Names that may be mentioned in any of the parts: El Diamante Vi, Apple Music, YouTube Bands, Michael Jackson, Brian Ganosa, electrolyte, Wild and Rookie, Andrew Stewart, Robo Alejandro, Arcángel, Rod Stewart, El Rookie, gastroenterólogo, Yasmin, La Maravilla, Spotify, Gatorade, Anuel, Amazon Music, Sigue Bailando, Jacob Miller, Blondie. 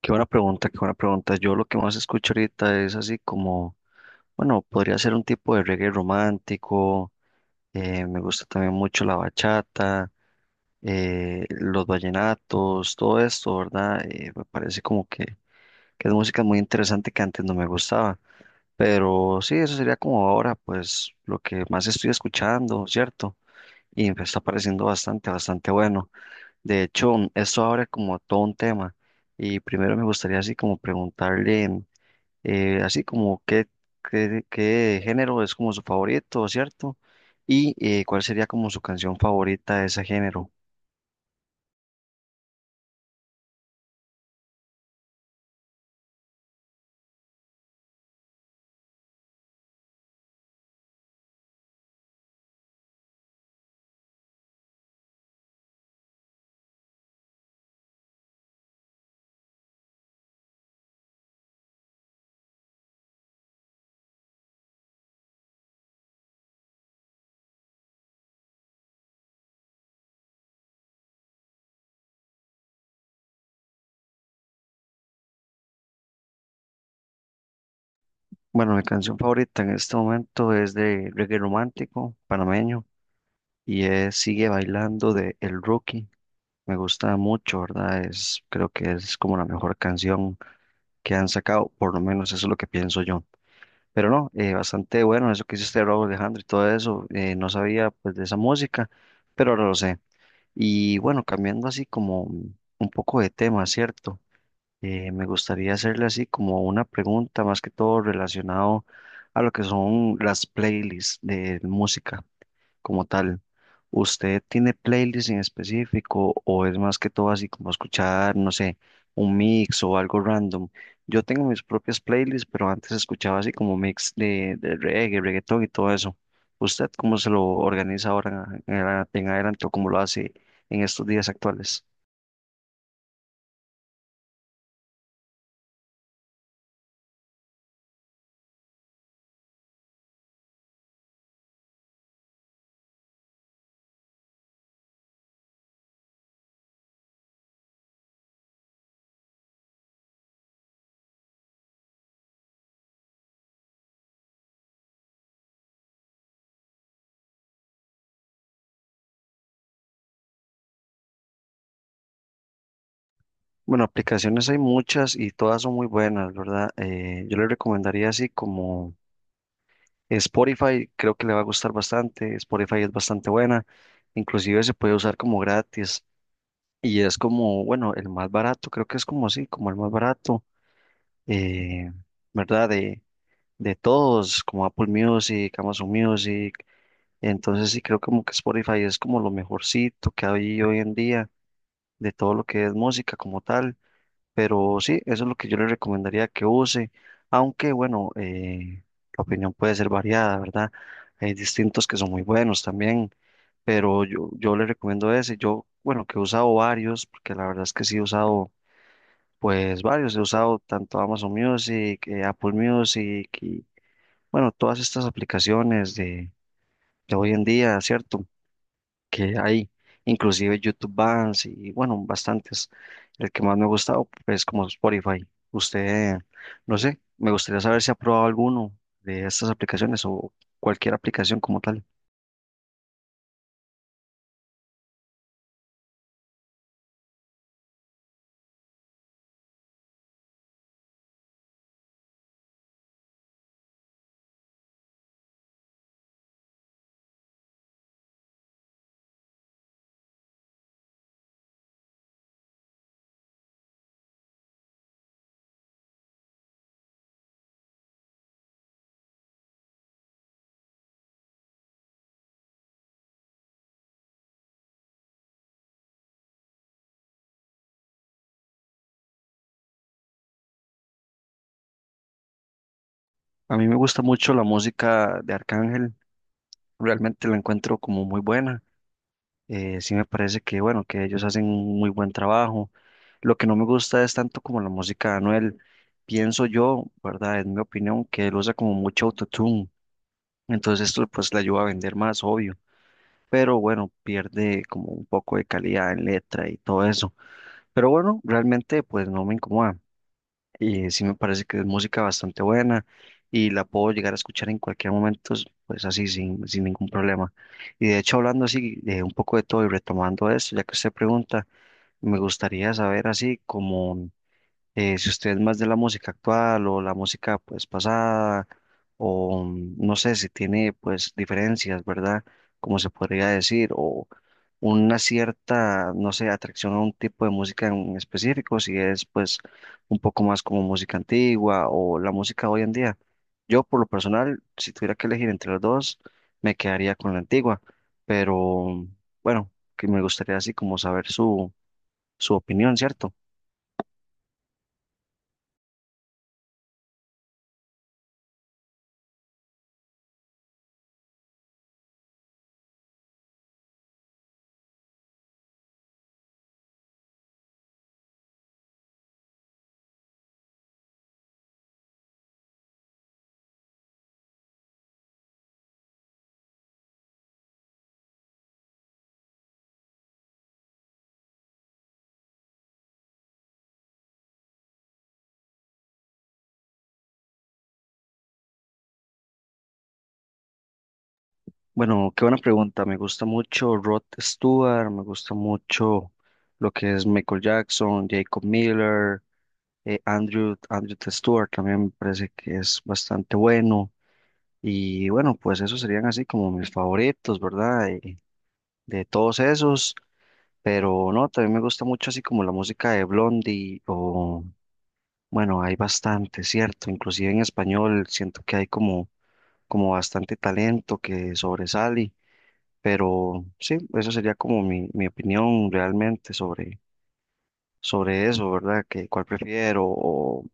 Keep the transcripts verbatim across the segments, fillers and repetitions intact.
Qué buena pregunta, qué buena pregunta. Yo lo que más escucho ahorita es así como, bueno, podría ser un tipo de reggae romántico. Eh, me gusta también mucho la bachata, eh, los vallenatos, todo esto, ¿verdad? Eh, me parece como que, que es música muy interesante que antes no me gustaba, pero sí, eso sería como ahora, pues lo que más estoy escuchando, ¿cierto? Y me está pareciendo bastante, bastante bueno. De hecho, esto abre como todo un tema y primero me gustaría así como preguntarle, mm, eh, así como qué, qué, qué género es como su favorito, ¿cierto? Y eh, cuál sería como su canción favorita de ese género. Bueno, mi canción favorita en este momento es de reggae romántico panameño y es Sigue Bailando de El Rookie. Me gusta mucho, ¿verdad? Es, creo que es como la mejor canción que han sacado, por lo menos eso es lo que pienso yo. Pero no, eh, bastante bueno eso que hizo este Robo Alejandro, y todo eso. Eh, no sabía pues de esa música, pero ahora lo sé. Y bueno, cambiando así como un poco de tema, ¿cierto? Eh, me gustaría hacerle así como una pregunta más que todo relacionado a lo que son las playlists de música como tal. ¿Usted tiene playlists en específico o es más que todo así como escuchar, no sé, un mix o algo random? Yo tengo mis propias playlists, pero antes escuchaba así como mix de, de reggae, reggaetón y todo eso. ¿Usted cómo se lo organiza ahora en, en en adelante o cómo lo hace en estos días actuales? Bueno, aplicaciones hay muchas y todas son muy buenas, ¿verdad? Eh, yo le recomendaría así como... Spotify creo que le va a gustar bastante, Spotify es bastante buena, inclusive se puede usar como gratis y es como, bueno, el más barato, creo que es como así, como el más barato, eh, ¿verdad? De, de todos, como Apple Music, Amazon Music, entonces sí creo como que Spotify es como lo mejorcito que hay hoy en día de todo lo que es música como tal. Pero sí, eso es lo que yo le recomendaría que use, aunque bueno, eh, la opinión puede ser variada, ¿verdad? Hay distintos que son muy buenos también, pero yo, yo le recomiendo ese. Yo, bueno, que he usado varios, porque la verdad es que sí he usado, pues varios, he usado tanto Amazon Music, eh, Apple Music y bueno, todas estas aplicaciones de, de hoy en día, ¿cierto? Que hay, inclusive YouTube Bands y bueno, bastantes. El que más me ha gustado es como Spotify. Usted, no sé, me gustaría saber si ha probado alguno de estas aplicaciones o cualquier aplicación como tal. A mí me gusta mucho la música de Arcángel, realmente la encuentro como muy buena. Eh, sí me parece que, bueno, que ellos hacen un muy buen trabajo. Lo que no me gusta es tanto como la música de Anuel. Pienso yo, ¿verdad? En mi opinión, que él usa como mucho autotune. Entonces esto pues le ayuda a vender más, obvio, pero bueno, pierde como un poco de calidad en letra y todo eso. Pero bueno, realmente pues no me incomoda y sí me parece que es música bastante buena y la puedo llegar a escuchar en cualquier momento, s- pues así sin, sin ningún problema. Y de hecho hablando así de un poco de todo y retomando esto, ya que usted pregunta, me gustaría saber así como eh, si usted es más de la música actual o la música pues pasada, o mm, no sé si tiene pues diferencias, ¿verdad? Como se podría decir, o una cierta, no sé, atracción a un tipo de música en específico, si es pues un poco más como música antigua o la música hoy en día. Yo por lo personal, si tuviera que elegir entre las dos, me quedaría con la antigua, pero mm, bueno, que me gustaría así como saber su, su opinión, ¿cierto? Bueno, qué buena pregunta. Me gusta mucho Rod Stewart, me gusta mucho lo que es Michael Jackson, Jacob Miller, eh, Andrew, Andrew Stewart también me parece que es bastante bueno. Y bueno, pues esos serían así como mis favoritos, ¿verdad? De, de todos esos. Pero no, también me gusta mucho así como la música de Blondie o, bueno, hay bastante, ¿cierto? Inclusive en español siento que hay como, como bastante talento que sobresale. Pero sí, esa sería como mi, mi opinión realmente sobre, sobre eso, ¿verdad? Que cuál prefiero o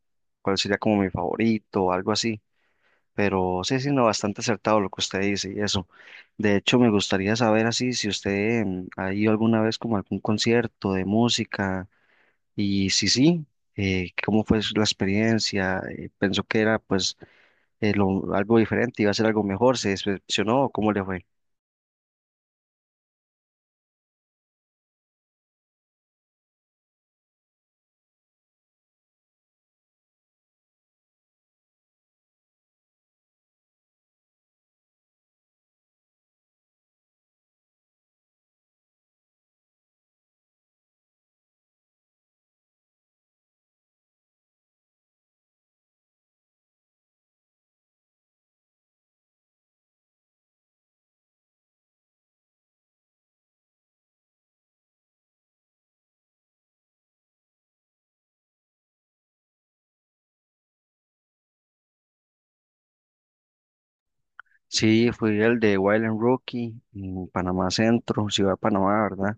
cuál sería como mi favorito o algo así. Pero sí, sí, no, bastante acertado lo que usted dice y eso. De hecho, me gustaría saber así si usted mm, ha ido alguna vez como a algún concierto de música y si sí, eh, cómo fue la experiencia. Eh, pensó que era pues eh, lo- algo diferente, iba a ser algo mejor, se decepcionó o cómo le fue. Sí, fui el de Wild and Rookie en Panamá Centro, Ciudad de Panamá, ¿verdad?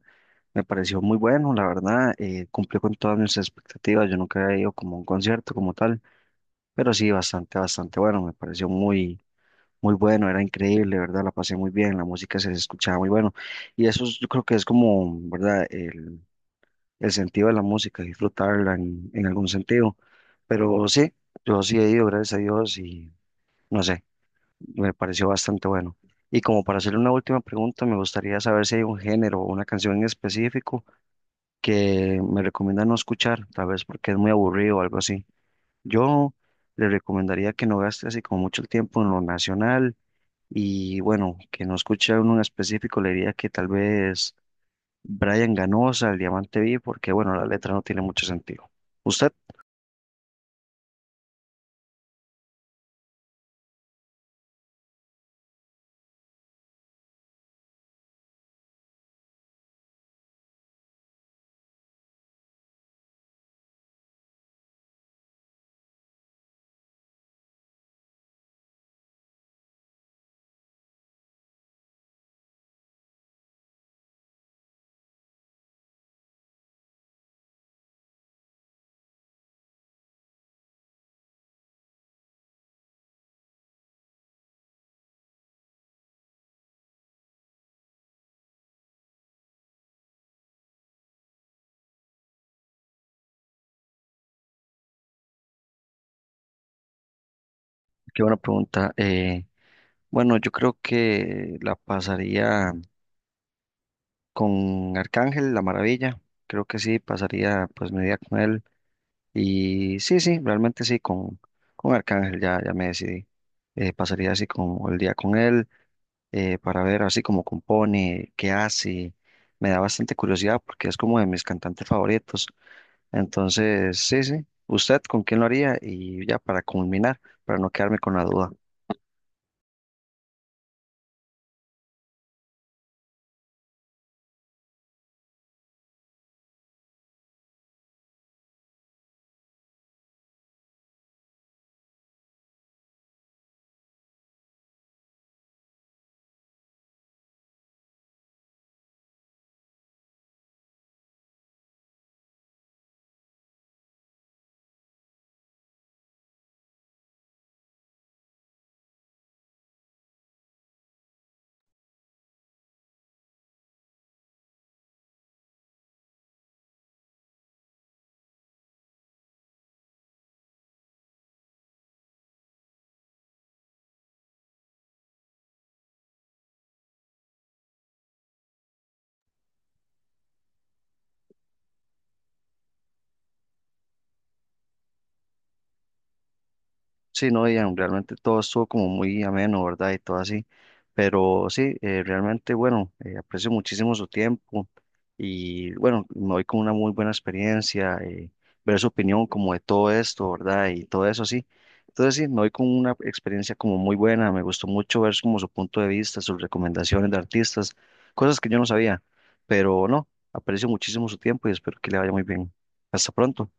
Me pareció muy bueno, la verdad, eh, cumplió con todas mis expectativas, yo nunca había ido como a un concierto como tal, pero sí, bastante, bastante bueno, me pareció muy, muy bueno, era increíble, ¿verdad? La pasé muy bien, la música se escuchaba muy bueno, y eso es- yo creo que es como, ¿verdad? El, el sentido de la música, disfrutarla en, en algún sentido, pero sí, yo sí he ido, gracias a Dios, y no sé, me pareció bastante bueno. Y como para hacerle una última pregunta, me gustaría saber si hay un género o una canción en específico que me recomienda no escuchar, tal vez porque es muy aburrido o algo así. Yo le recomendaría que no gaste así como mucho el tiempo en lo nacional y bueno, que no escuche uno en específico, le diría que tal vez Brian Ganosa, El Diamante Vi, porque bueno, la letra no tiene mucho sentido. Usted, qué buena pregunta. Eh, bueno, yo creo que la pasaría con Arcángel, La Maravilla, creo que sí, pasaría pues mi día con él. Y sí, sí, realmente sí, con, con Arcángel ya, ya me decidí. Eh, pasaría así como el día con él eh, para ver así como compone, qué hace. Me da bastante curiosidad porque es como de mis cantantes favoritos. Entonces, sí, sí. ¿Usted con quién lo haría? Y ya para culminar, para no quedarme con la duda. Sí, no, Ian, realmente todo estuvo como muy ameno, ¿verdad? Y todo así. Pero sí, eh, realmente, bueno, eh, aprecio muchísimo su tiempo y bueno, me voy con una muy buena experiencia, eh, ver su opinión como de todo esto, ¿verdad? Y todo eso así. Entonces sí, me voy con una experiencia como muy buena, me gustó mucho ver como su punto de vista, sus recomendaciones de artistas, cosas que yo no sabía, pero no, aprecio muchísimo su tiempo y espero que le vaya muy bien. Hasta pronto.